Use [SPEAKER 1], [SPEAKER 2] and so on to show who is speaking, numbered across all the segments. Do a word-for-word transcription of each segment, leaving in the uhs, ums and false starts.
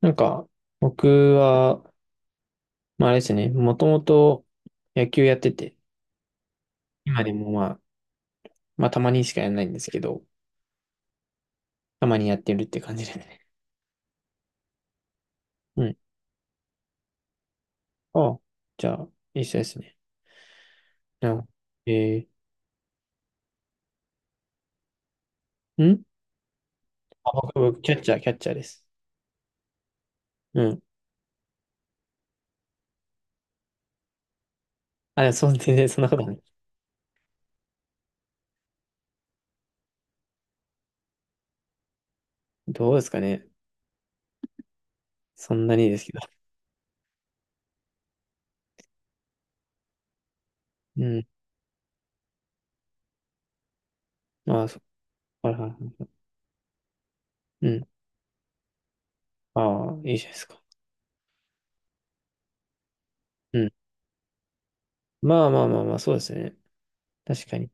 [SPEAKER 1] なんか、僕は、まああれですね、もともと野球やってて、今でもまあ、まあたまにしかやらないんですけど、たまにやってるって感じですね。うん。ああ、じゃあ、一緒ですね。うん。えー、んあ、僕、僕、キャッチャー、キャッチャーです。うん。あ、でもそう、全然そんなことない。どうですかね。そんなにですけど。うん。ああ、そっか。はいはいはい。うん。ああ、いいじゃないですか。うん。まあまあまあまあ、そうですね。確かに。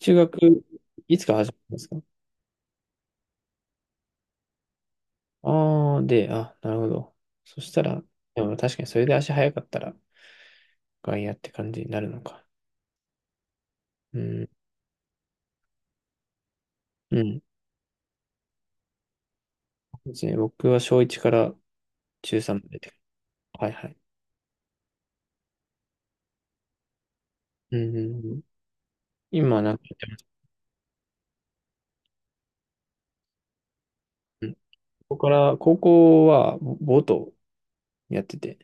[SPEAKER 1] 中学、いつから始めたんですか？ああ、で、あ、なるほど。そしたら、でも確かにそれで足早かったら外野って感じになるのか。うん、うん。そうですね。僕は小いちから中さんまでで。はいはい。うん、うんうん。今、なんか、うん。ここから、高校はボボートやってて、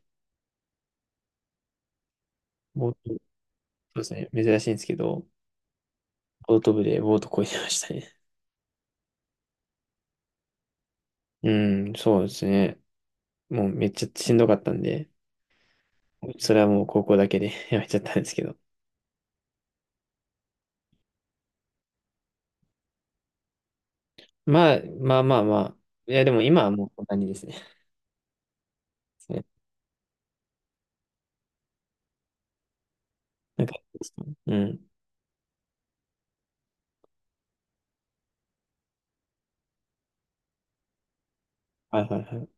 [SPEAKER 1] ボート、そうですね。珍しいんですけど、ボート部でボート漕いでましたね。うん、そうですね。もうめっちゃしんどかったんで、それはもう高校だけで やめちゃったんですけど。まあ、まあまあまあ。いや、でも今はもうこんなにですね。ね。なんか、うん。はいはいはい。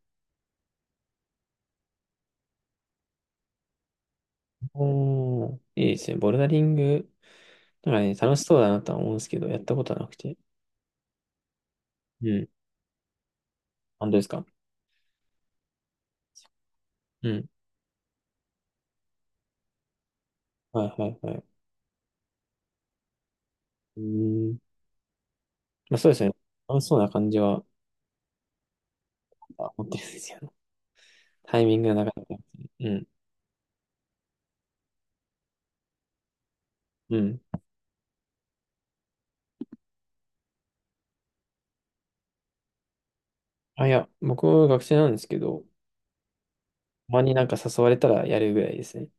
[SPEAKER 1] おー、いいですね。ボルダリング、なんかね、楽しそうだなとは思うんですけど、やったことはなくて。うん。本当ですか？うん。はいはいはい。うーん。まあそうですね。楽しそうな感じはあ持ってるんですよね。タイミングがなかなか。うん。うん。あ、いや、僕は学生なんですけど、たまになんか誘われたらやるぐらいですね。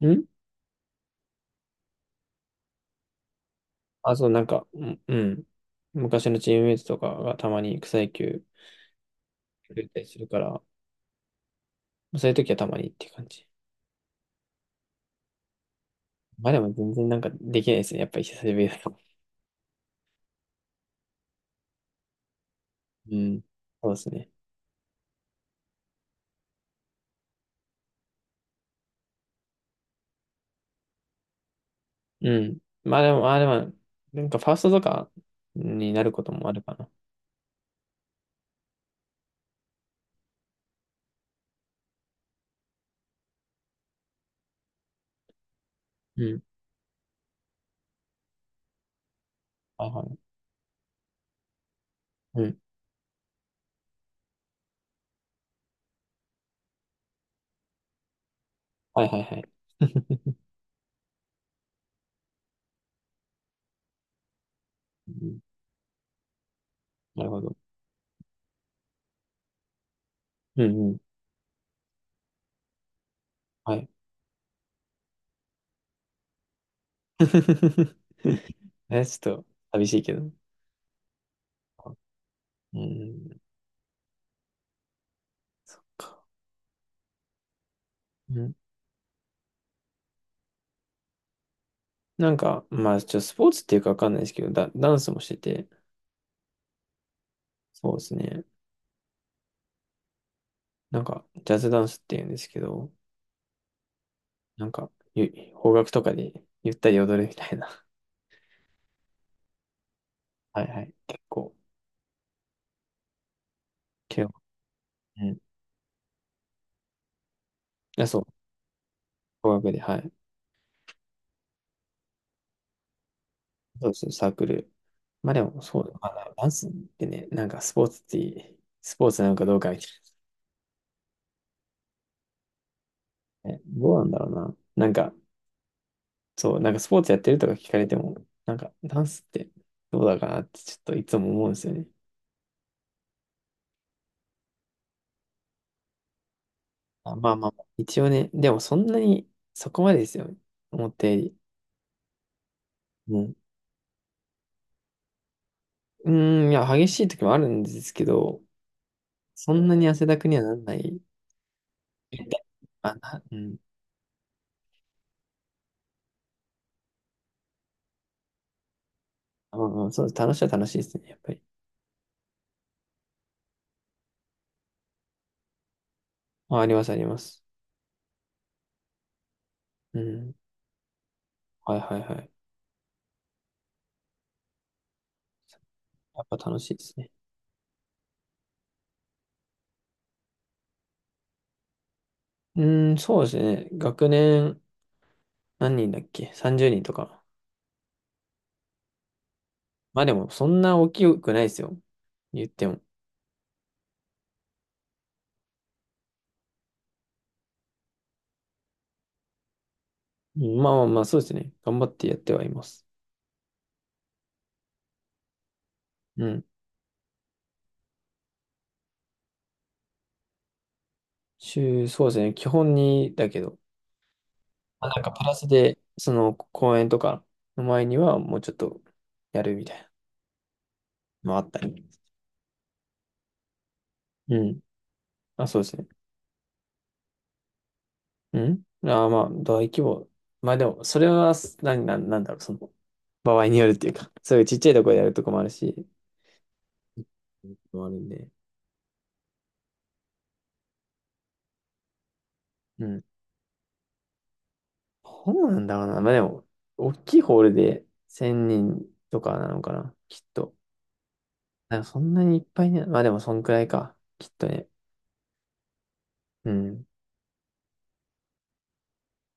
[SPEAKER 1] うん。あ、そう、なんか、うん、うん。昔のチームメイトとかがたまに草野球やってたりするから、そういう時はたまにっていう感じ。まあでも全然なんかできないですね。やっぱり久しぶりだと。うん。そうですね。うん。まあでも、まあでも、なんかファーストとかになることもあるかな。うん。はいはい。うん。はいはいはい。うん。なるほど。うんうん。はい。え、ちょっと寂しいけど。うん。そっか。うん。なんか、まあ、ちょっとスポーツっていうかわかんないですけど、ダ、ダンスもしてて、そうですね。なんか、ジャズダンスっていうんですけど、なんか、ゆ邦楽とかでゆったり踊るみたいな。はいはい。結構、軽音。うん。いや、そう。語学で、はい。そうですね、サークル。まあでも、そうだな。まあダンスってね、なんかスポーツって、スポーツなのかどうかみたいな。え、どうなんだろうな。なんか、そう、なんかスポーツやってるとか聞かれても、なんかダンスってどうだかなってちょっといつも思うんですよね。まあまあまあ、一応ね、でもそんなにそこまでですよ。思ったより。うん。うーん、いや、激しい時もあるんですけど、そんなに汗だくにはなんない。あ、な、うん。うんうん、そうです、楽しいは楽しいですね、やっぱり。あ、あります、あります。うん。はいはいはい。やっぱ楽しいですね。うん、そうですね。学年、何人だっけ？ さんじゅう 人とか。まあでも、そんな大きくないですよ。言っても。うん。まあまあまあ、そうですね。頑張ってやってはいます。うん。週、そうですね。基本に、だけど、まあなんかプラスで、その公演とかの前には、もうちょっとやるみたいなのもあったり。うん。まあ、そうですね。んああー、まあ、大規模。まあでも、それは、何な、な、なんだろう、その、場合によるっていうか、そういうちっちゃいとこでやるとこもあるし、もあるんで。うん。どうなんだろうな。まあでも、大きいホールでせんにんとかなのかな、きっと。あそんなにいっぱいね。まあでも、そんくらいか、きっとね。うん。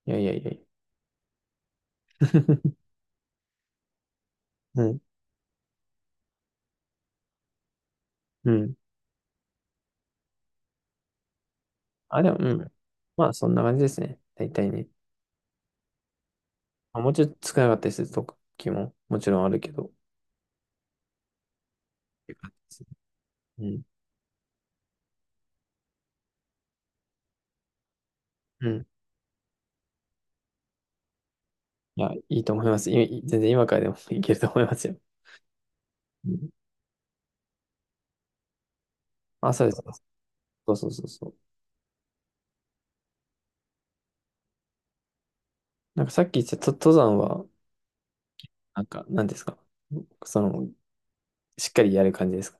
[SPEAKER 1] いやいやいやいや。うん。うん。あ、でも、うん。まあ、そんな感じですね。大体ね。まあ、もうちょっと少なかったりする時も、もちろんあるけど。って感じですね。うん。うん。いや、いいと思います。い全然今からでも いけると思いますよ。うん。あ、そうです。そうそうそうそう。なんかさっき言ってたと登山は、なんか、何ですか？その、しっかりやる感じですか？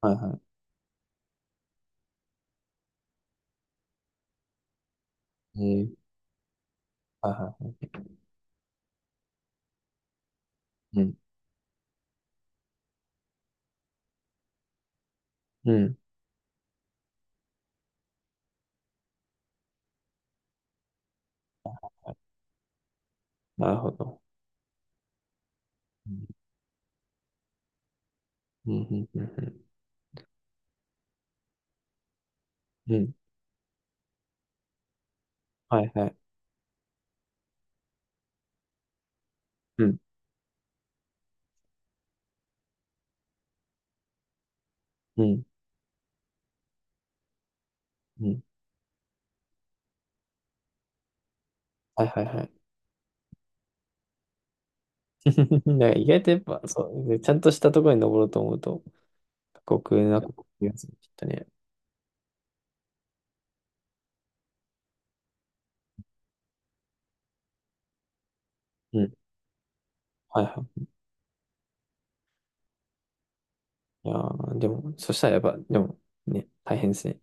[SPEAKER 1] はいはい。えー、はいはい。うん。うん。なるほど。うん。うん。うん。うん。うん。はいはい。うん。うん。うん。はいはいはい。なんか意外とやっぱ、そう、ちゃんとしたところに登ろうと思うと、過酷なこと言りますね、きっとね。うん。はいはい。いやーでも、そしたらやっぱ、でも、ね、大変ですね。